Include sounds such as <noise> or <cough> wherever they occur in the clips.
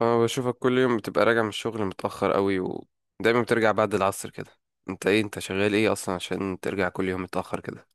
اه، بشوفك كل يوم بتبقى راجع من الشغل متأخر قوي، ودايما بترجع بعد العصر كده. انت شغال ايه اصلا عشان ترجع كل يوم متأخر كده؟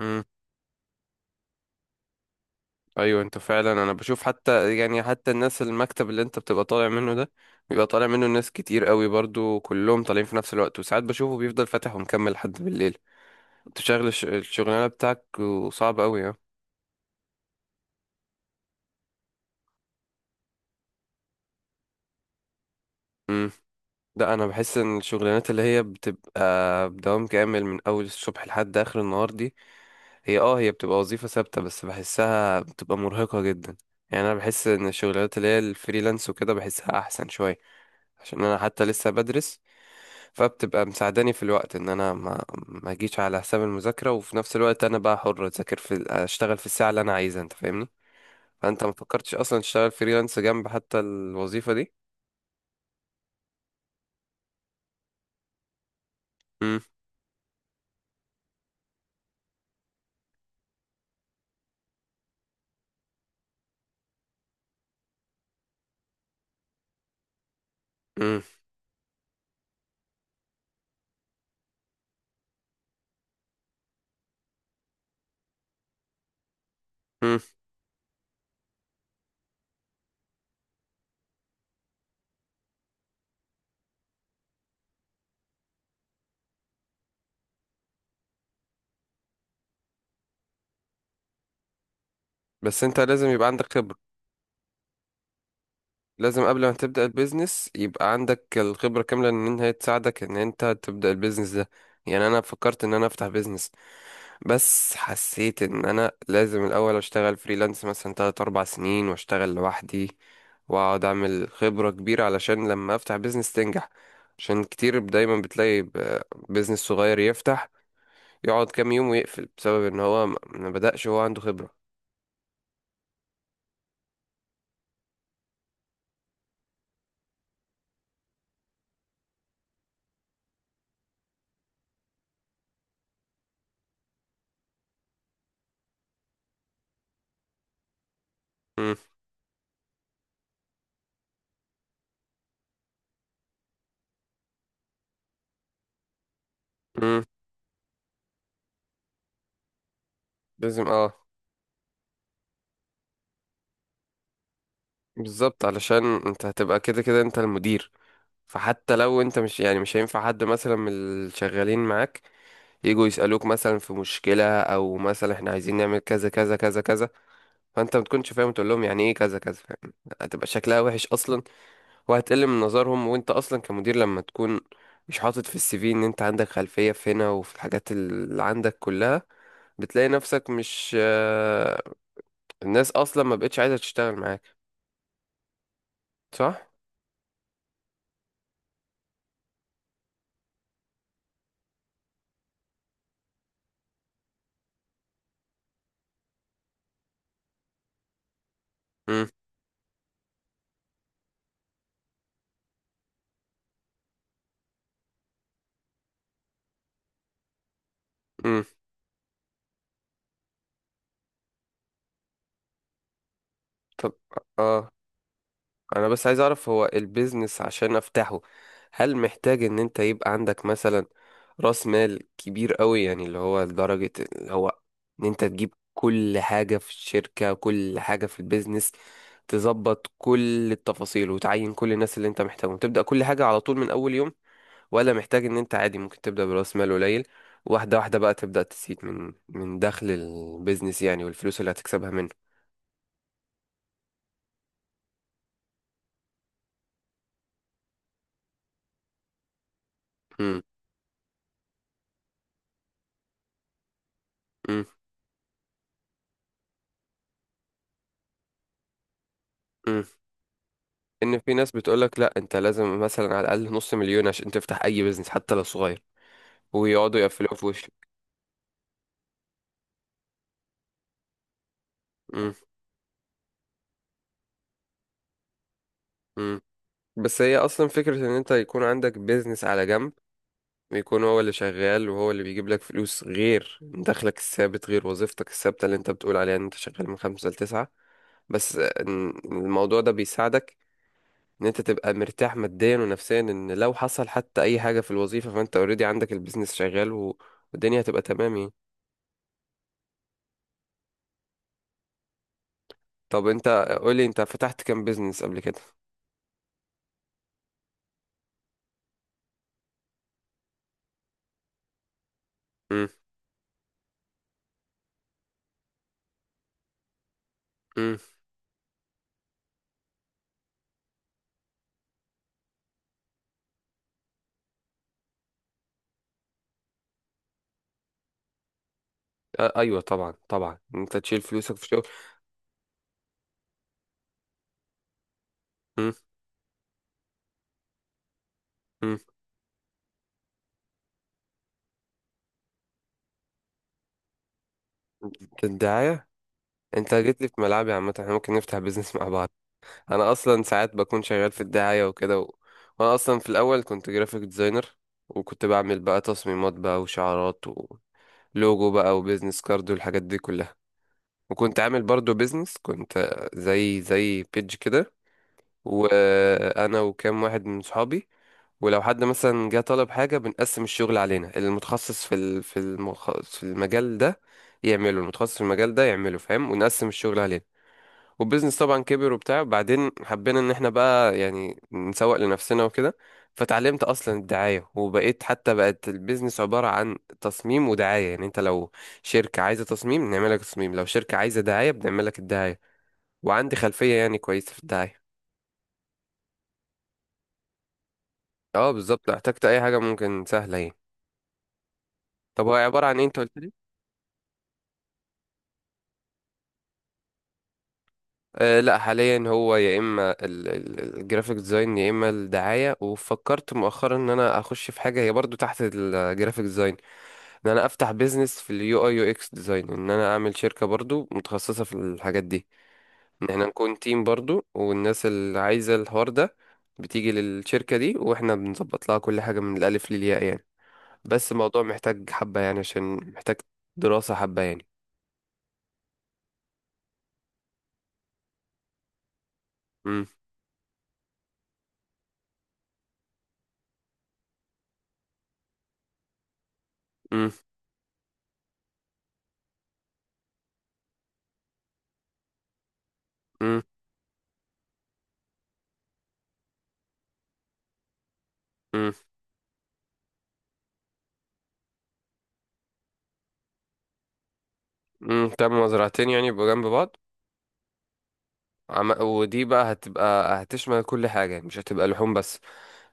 امم ايوه، انت فعلا. انا بشوف حتى الناس، المكتب اللي انت بتبقى طالع منه ده بيبقى طالع منه ناس كتير قوي برضو، كلهم طالعين في نفس الوقت، وساعات بشوفه بيفضل فاتح ومكمل لحد بالليل. انت شغل الشغلانة بتاعك وصعب قوي، اه. امم لا، انا بحس ان الشغلانات اللي هي بتبقى بدوام كامل من اول الصبح لحد اخر النهار دي، هي بتبقى وظيفة ثابتة، بس بحسها بتبقى مرهقة جدا. يعني انا بحس ان الشغلات اللي هي الفريلانس وكده بحسها احسن شوية، عشان انا حتى لسه بدرس. فبتبقى مساعداني في الوقت ان انا ما اجيش على حساب المذاكرة، وفي نفس الوقت انا بقى حر اذاكر في اشتغل في الساعة اللي انا عايزها، انت فاهمني. فانت ما فكرتش اصلا تشتغل فريلانس جنب حتى الوظيفة دي؟ امم. امم. امم. بس انت لازم يبقى عندك خبرة. لازم قبل ما تبدأ البيزنس يبقى عندك الخبرة كاملة ان هي تساعدك ان انت تبدأ البيزنس ده. يعني انا فكرت ان انا افتح بيزنس، بس حسيت ان انا لازم الاول اشتغل فريلانس مثلا 3 4 سنين، واشتغل لوحدي، واقعد اعمل خبرة كبيرة علشان لما افتح بيزنس تنجح. عشان كتير دايما بتلاقي بيزنس صغير يفتح، يقعد كام يوم ويقفل بسبب ان هو ما بدأش وهو عنده خبرة. مم. مم. لازم، اه. بالظبط، علشان انت هتبقى كده كده انت المدير. فحتى لو انت مش يعني مش هينفع حد مثلا من الشغالين معاك يجوا يسألوك مثلا في مشكلة، او مثلا احنا عايزين نعمل كذا كذا كذا كذا، فانت ما تكونش فاهم تقول لهم يعني ايه كذا كذا، فاهم؟ هتبقى شكلها وحش اصلا، وهتقل من نظرهم. وانت اصلا كمدير لما تكون مش حاطط في السي في ان انت عندك خلفية في هنا وفي الحاجات اللي عندك كلها، بتلاقي نفسك مش الناس اصلا ما بقتش عايزة تشتغل معاك. صح؟ امم. امم. طب، اه. انا بس عايز اعرف، هو البيزنس عشان افتحه هل محتاج ان انت يبقى عندك مثلا راس مال كبير قوي، يعني اللي هو لدرجة اللي هو ان انت تجيب كل حاجة في الشركة، كل حاجة في البيزنس، تظبط كل التفاصيل وتعين كل الناس اللي انت محتاجهم، تبدأ كل حاجة على طول من اول يوم، ولا محتاج ان انت عادي ممكن تبدأ براس مال قليل، واحدة واحدة بقى، تبدأ تسيب من دخل البيزنس يعني والفلوس اللي هتكسبها منه؟ امم. امم. امم. ان في ناس بتقولك لا انت لازم مثلا على الاقل نص مليون عشان تفتح اي بيزنس حتى لو صغير، ويقعدوا يقفلوها في وشك. مم. مم. بس هي اصلا فكرة ان انت يكون عندك بيزنس على جنب، ويكون هو اللي شغال وهو اللي بيجيب لك فلوس غير دخلك الثابت، غير وظيفتك الثابتة اللي انت بتقول عليها ان انت شغال من خمسة لتسعة. بس الموضوع ده بيساعدك ان انت تبقى مرتاح ماديا ونفسيا، ان لو حصل حتى اي حاجة في الوظيفة فانت اوريدي عندك البيزنس شغال، و- والدنيا هتبقى تمام يعني. طب انت قولي، انت فتحت كام بيزنس قبل كده؟ امم. امم. آه، ايوه طبعا طبعا، انت تشيل فلوسك في شغل. امم. امم. الدعايه؟ انت جيت لي في ملعبي عامه، احنا ممكن نفتح بيزنس <laughs> مع بعض. انا اصلا ساعات بكون شغال في الدعايه وكده، وانا اصلا في الاول كنت جرافيك ديزاينر، وكنت بعمل بقى تصميمات بقى، وشعارات ولوجو بقى، وبيزنس كارد والحاجات دي كلها. وكنت عامل برضو بيزنس، كنت زي بيج كده، وانا وكام واحد من صحابي. ولو حد مثلا جه طلب حاجة، بنقسم الشغل علينا؛ المتخصص في المجال ده يعمله، المتخصص في المجال ده يعمله، فاهم؟ ونقسم الشغل علينا. والبيزنس طبعا كبر وبتاع، بعدين حبينا ان احنا بقى يعني نسوق لنفسنا وكده. فتعلمت اصلا الدعاية، وبقيت حتى بقت البيزنس عبارة عن تصميم ودعاية. يعني انت لو شركة عايزة تصميم نعمل لك تصميم، لو شركة عايزة دعاية بنعمل لك الدعاية، وعندي خلفية يعني كويسة في الدعاية. اه، بالظبط، لو احتجت اي حاجة ممكن سهلة يعني. طب هو عبارة عن ايه انت قلت؟ أه لا، حاليا هو يا اما الجرافيك ديزاين، يا اما الدعايه. وفكرت مؤخرا ان انا اخش في حاجه هي برضو تحت الجرافيك ديزاين، ان انا افتح بيزنس في اليو اي، يو اكس ديزاين. ان انا اعمل شركه برضو متخصصه في الحاجات دي، ان احنا نكون تيم برضو، والناس اللي عايزه الحوار ده بتيجي للشركه دي واحنا بنظبط لها كل حاجه من الالف للياء يعني. بس الموضوع محتاج حبه يعني، عشان محتاج دراسه حبه يعني. امم. امم. امم. امم. تمام، زرعتين يعني يبقوا جنب بعض. ودي بقى هتبقى هتشمل كل حاجة يعني، مش هتبقى لحوم بس،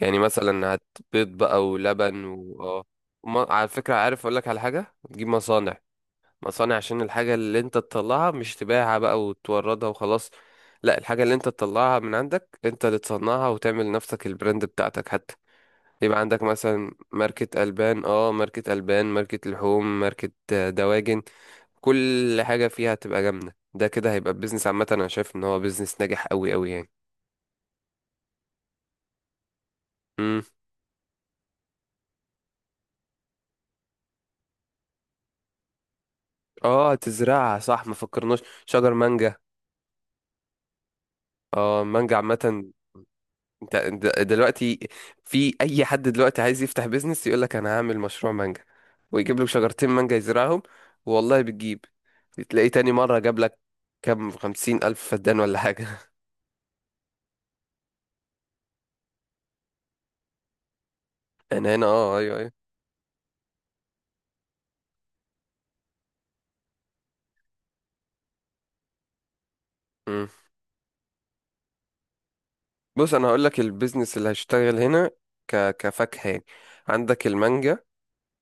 يعني مثلا هتبيض بقى ولبن و... آه. على فكرة، عارف أقولك على حاجة؟ تجيب مصانع. مصانع عشان الحاجة اللي انت تطلعها مش تبيعها بقى وتوردها وخلاص، لا، الحاجة اللي انت تطلعها من عندك انت اللي تصنعها، وتعمل نفسك البراند بتاعتك حتى. يبقى عندك مثلا ماركة ألبان، اه، ماركة ألبان، ماركة لحوم، ماركة دواجن. كل حاجة فيها هتبقى جامدة، ده كده هيبقى بيزنس عامة، أنا شايف إن هو بيزنس ناجح أوي أوي يعني. مم. اه، تزرعها، صح، ما فكرناش شجر مانجا. اه، مانجا عامة. انت دلوقتي في أي حد دلوقتي عايز يفتح بيزنس يقول لك أنا هعمل مشروع مانجا، ويجيب لك شجرتين مانجا يزرعهم. والله بتجيب، تلاقيه تاني مرة جاب لك كام، 50,000 فدان ولا حاجة. <laughs> أنا هنا، اه، أيوه أيوه. مم. بص، أنا هقول لك البيزنس اللي هشتغل هنا كفاكهة يعني. عندك المانجا،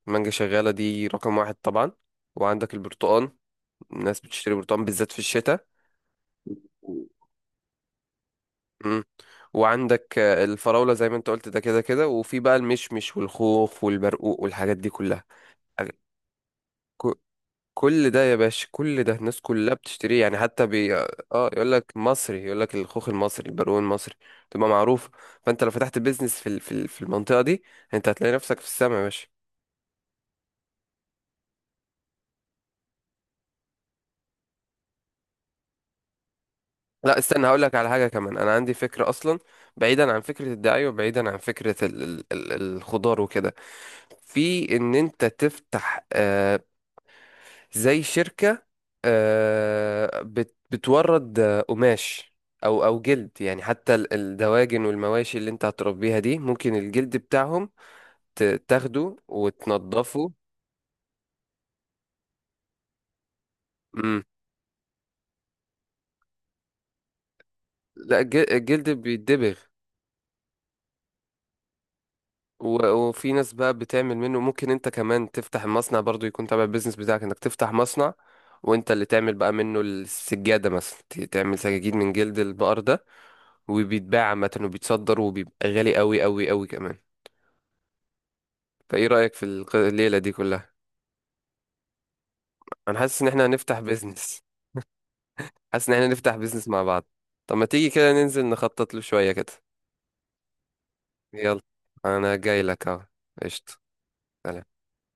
مانجا شغالة دي رقم واحد طبعا. وعندك البرتقال، الناس بتشتري برتقال بالذات في الشتاء. مم. وعندك الفراولة زي ما انت قلت، ده كده كده. وفي بقى المشمش والخوخ والبرقوق والحاجات دي كلها. أغ- ك- كل ده يا باشا، كل ده الناس كلها بتشتريه يعني، حتى اه، يقول لك مصري، يقول لك الخوخ المصري، البرقوق المصري، تبقى معروف. فانت لو فتحت بيزنس في المنطقة دي، انت هتلاقي نفسك في السما يا باشا. لا استنى، هقول لك على حاجة كمان، أنا عندي فكرة أصلا. بعيدا عن فكرة الدعاية، وبعيدا عن فكرة ال الخضار وكده، في إن أنت تفتح زي شركة آه بت بتورد قماش، أو جلد يعني. حتى الدواجن والمواشي اللي أنت هتربيها دي، ممكن الجلد بتاعهم تاخده وتنضفه. مم. لا، الجلد بيتدبغ، و- وفي ناس بقى بتعمل منه. ممكن انت كمان تفتح مصنع برضو يكون تبع البيزنس بتاعك، انك تفتح مصنع وانت اللي تعمل بقى منه السجادة مثلا، تعمل سجاجيد من جلد البقر ده. وبيتباع عامة، وبيتصدر، وبيبقى غالي قوي قوي قوي كمان. فايه رأيك في الليلة دي كلها؟ انا حاسس ان احنا هنفتح بيزنس. حاسس ان احنا نفتح بيزنس مع بعض. طب ما تيجي كده ننزل نخطط له شوية كده. يلا، انا جاي لك اهو. قشطة. سلام.